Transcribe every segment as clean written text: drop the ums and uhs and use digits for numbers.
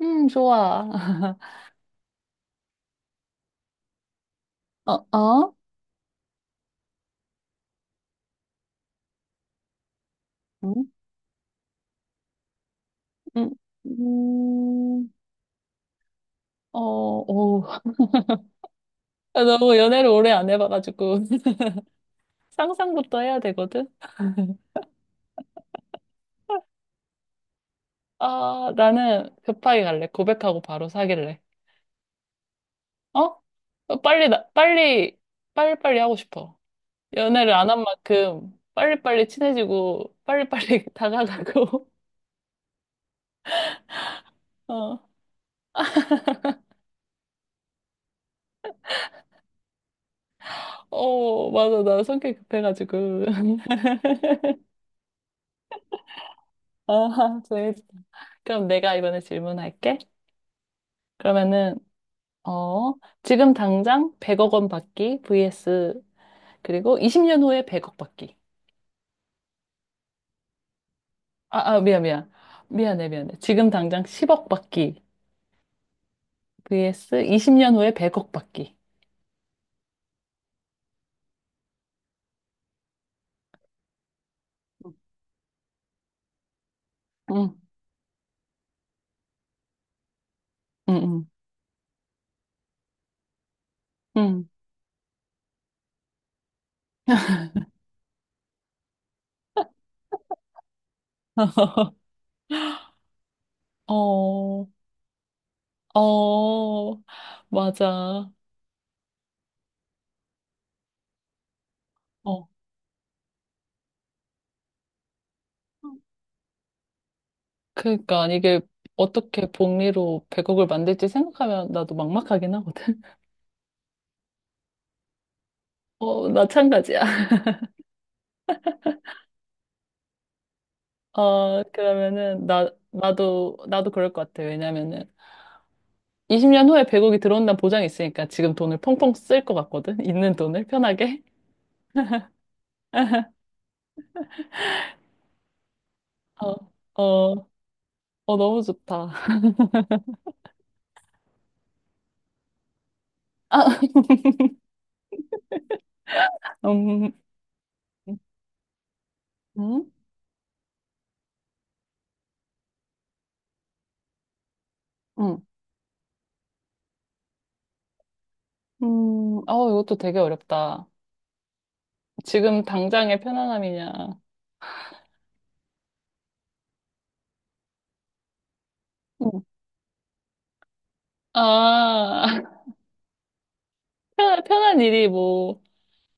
좋아. 어, 어? 응? 음, 음, 오. 너무 연애를 오래 안 해봐가지고 상상부터 해야 되거든. 아, 나는 급하게 갈래. 고백하고 바로 사귈래. 어? 어, 빨리, 나, 빨리, 빨리빨리 하고 싶어. 연애를 안 한 만큼 빨리빨리 친해지고 빨리빨리 다가가고. 어, 어, 맞아. 나 성격 급해가지고. 아, 재밌다. 그럼 내가 이번에 질문할게. 그러면은, 어, 지금 당장 100억 원 받기 vs 그리고 20년 후에 100억 받기. 아, 아, 미안, 미안. 미안해, 미안해. 지금 당장 10억 받기 vs 20년 후에 100억 받기. 응, 응, 응, 응. 어, 어, 맞아. 어. 그러니까 이게 어떻게 복리로 100억을 만들지 생각하면 나도 막막하긴 하거든. 어, 마찬가지야. 어, 그러면은, 나도 그럴 것 같아. 왜냐면은, 20년 후에 100억이 들어온다는 보장이 있으니까 지금 돈을 펑펑 쓸 것 같거든? 있는 돈을 편하게. 어, 어, 너무 좋다. 아, 음, 음, 음, 이것도 되게 어렵다. 지금 당장의 편안함이냐. 음. 아, 편한 일이 뭐,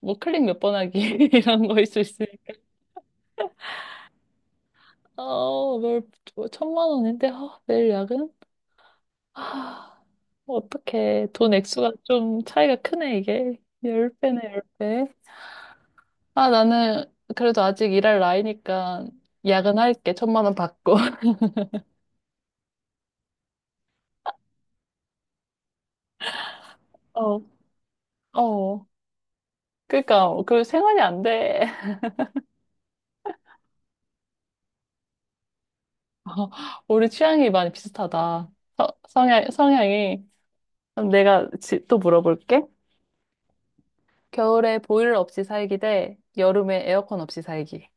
뭐 클릭 몇 번 하기 이런 거일 수 있으니까. 어, 뭘, 뭐 천만 원인데, 아, 내일 야근? 아 어떻게 돈 액수가 좀 차이가 크네, 이게. 10배네, 10배. 아, 나는 그래도 아직 일할 나이니까 야근할게. 천만 원 받고. 어, 어. 그러니까 그 생활이 안 돼. 어, 우리 취향이 많이 비슷하다. 성향이. 그럼 내가 또 물어볼게. 겨울에 보일러 없이 살기 대 여름에 에어컨 없이 살기.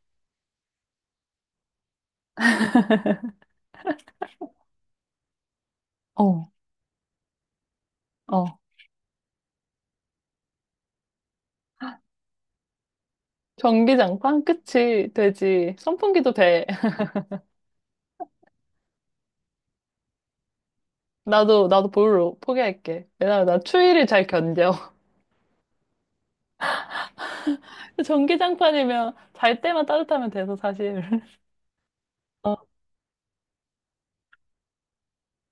어, 어. 전기장판? 그치, 되지. 선풍기도 돼. 나도 볼로 포기할게. 왜냐면 나 추위를 잘 견뎌. 전기장판이면 잘 때만 따뜻하면 돼서 사실. 어,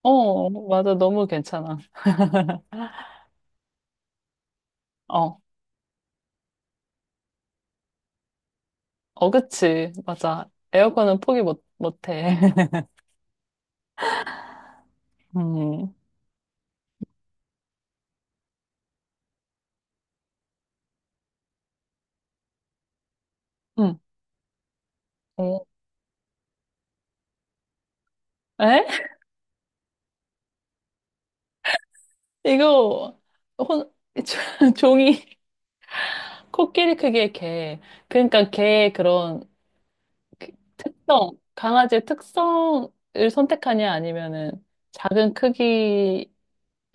어, 맞아. 너무 괜찮아. 어, 어, 그치. 맞아. 에어컨은 포기 못, 못해. 음, 음, 어. 에? 이거, 혼, 종이, 코끼리 크기의 개. 그러니까 개의 그런 그 특성, 강아지의 특성을 선택하냐 아니면은 작은 크기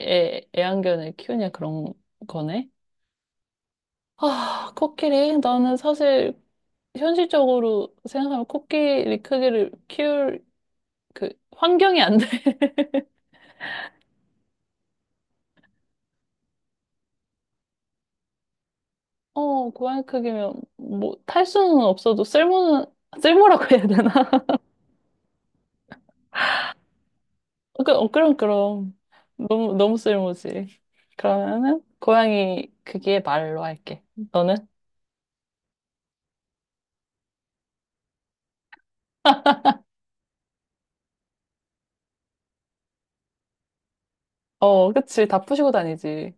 애완견을 키우냐 그런 거네. 아, 코끼리. 나는 사실 현실적으로 생각하면 코끼리 크기를 키울 그 환경이 안 돼. 고양이 크기면 뭐 탈 수는 없어도 쓸모는 쓸모라고 해야 되나? 그럼 그럼 너무 너무 쓸모지. 그러면은 고양이 크기의 말로 할게. 너는? 어, 그치. 다 푸시고 다니지.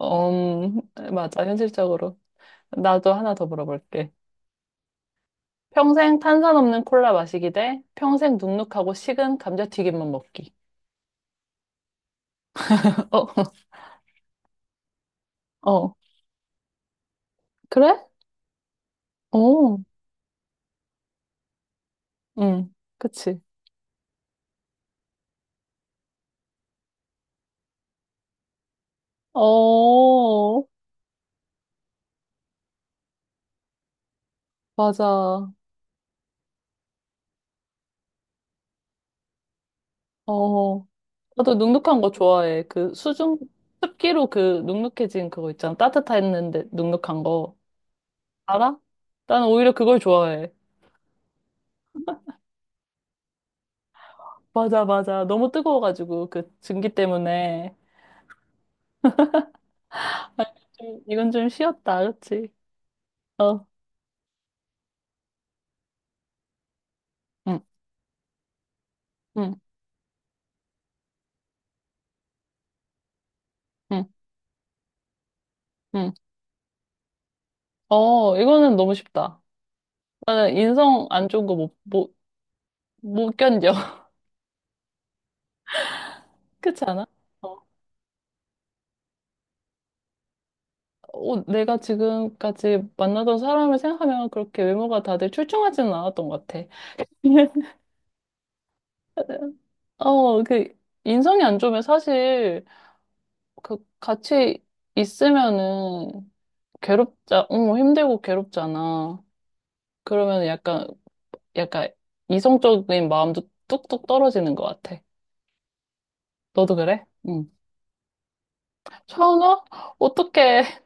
음, 맞아. 현실적으로. 나도 하나 더 물어볼게. 평생 탄산 없는 콜라 마시기 대 평생 눅눅하고 식은 감자튀김만 먹기. 어, 어. 그래? 어, 응, 그치. 어, 맞아. 어, 나도 눅눅한 거 좋아해. 그 습기로 그 눅눅해진 그거 있잖아. 따뜻했는데 눅눅한 거. 알아? 나는 오히려 그걸 좋아해. 맞아, 맞아. 너무 뜨거워가지고 그 증기 때문에. 좀, 이건 좀 쉬었다, 그치? 어, 응, 응, 응, 응. 어, 이거는 너무 쉽다. 나는 인성 안 좋은 거 못 견뎌. 그렇지 않아? 어, 어, 내가 지금까지 만나던 사람을 생각하면 그렇게 외모가 다들 출중하지는 않았던 것 같아. 어, 인성이 안 좋으면 사실, 같이 있으면은, 힘들고 괴롭잖아. 그러면 약간, 이성적인 마음도 뚝뚝 떨어지는 것 같아. 너도 그래? 응. 천아? 어떡해.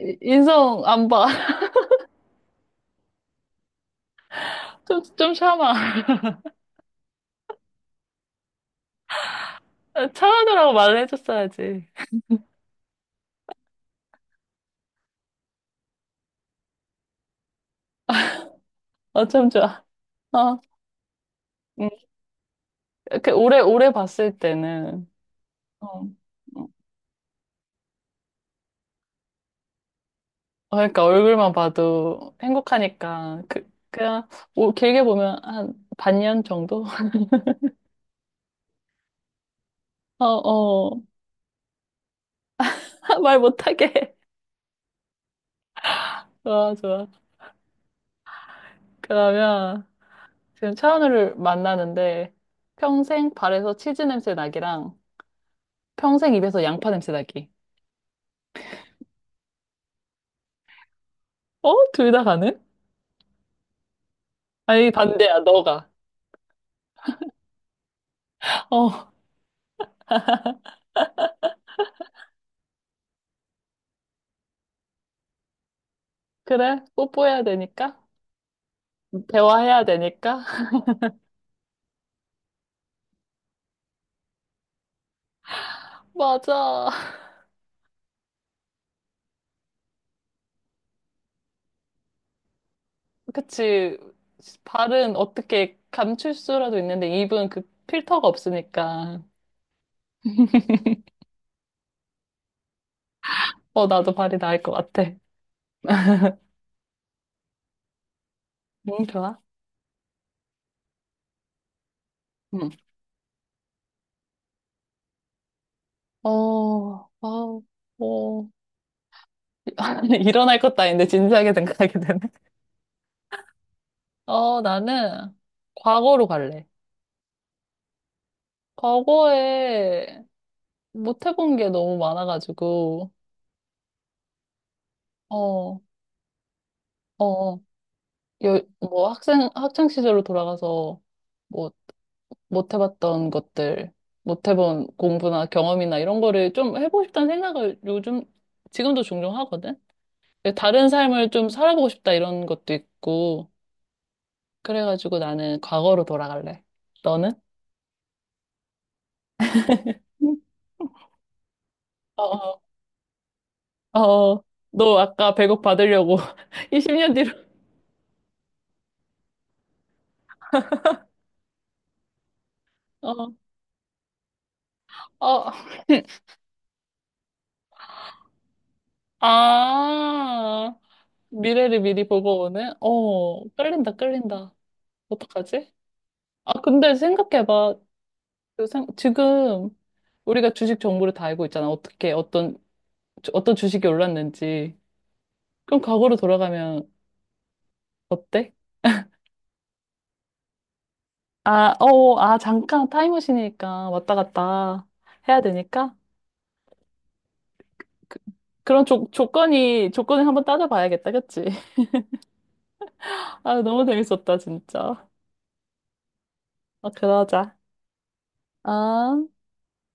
인성 안 봐. 좀 참아. 참아주라고 말을 해줬어야지. 어쩜 좋아. 어, 응. 이렇게 오래, 오래 봤을 때는, 어, 어, 그러니까 얼굴만 봐도 행복하니까, 그냥, 오, 길게 보면 한 반년 정도? 어, 어, 말 못하게. 좋아, 좋아. 그러면 지금 차은우를 만나는데, 평생 발에서 치즈 냄새 나기랑 평생 입에서 양파 냄새 나기. 어? 둘 다 가능? 아니, 반대야, 너가. 어, 그래? 뽀뽀해야 되니까? 대화해야 되니까? 맞아. 그치. 발은 어떻게 감출 수라도 있는데 입은 그 필터가 없으니까. 어, 나도 발이 나을 것 같아. 응, 좋아. 응. 어, 어, 어. 일어날 것도 아닌데 진지하게 생각하게 되네. 어, 나는 과거로 갈래. 과거에 못 해본 게 너무 많아가지고. 어, 어. 뭐 학창 시절로 돌아가서 뭐 못 해봤던 것들, 못 해본 공부나 경험이나 이런 거를 좀 해보고 싶다는 생각을 요즘, 지금도 종종 하거든? 다른 삶을 좀 살아보고 싶다 이런 것도 있고, 그래가지고 나는 과거로 돌아갈래. 너는? 응. 어, 어, 어, 너 아까 100억 받으려고 20년 뒤로, 어, 어, 아, 미래를 미리 보고 오네? 어, 끌린다, 끌린다. 어떡하지? 아, 근데 생각해봐. 그 지금 우리가 주식 정보를 다 알고 있잖아. 어떤 주식이 올랐는지. 그럼 과거로 돌아가면 어때? 아, 아, 잠깐 타임머신이니까 왔다 갔다 해야 되니까. 그, 그런 조건을 한번 따져봐야겠다. 그치? 아, 너무 재밌었다, 진짜. 아, 그러자. 아.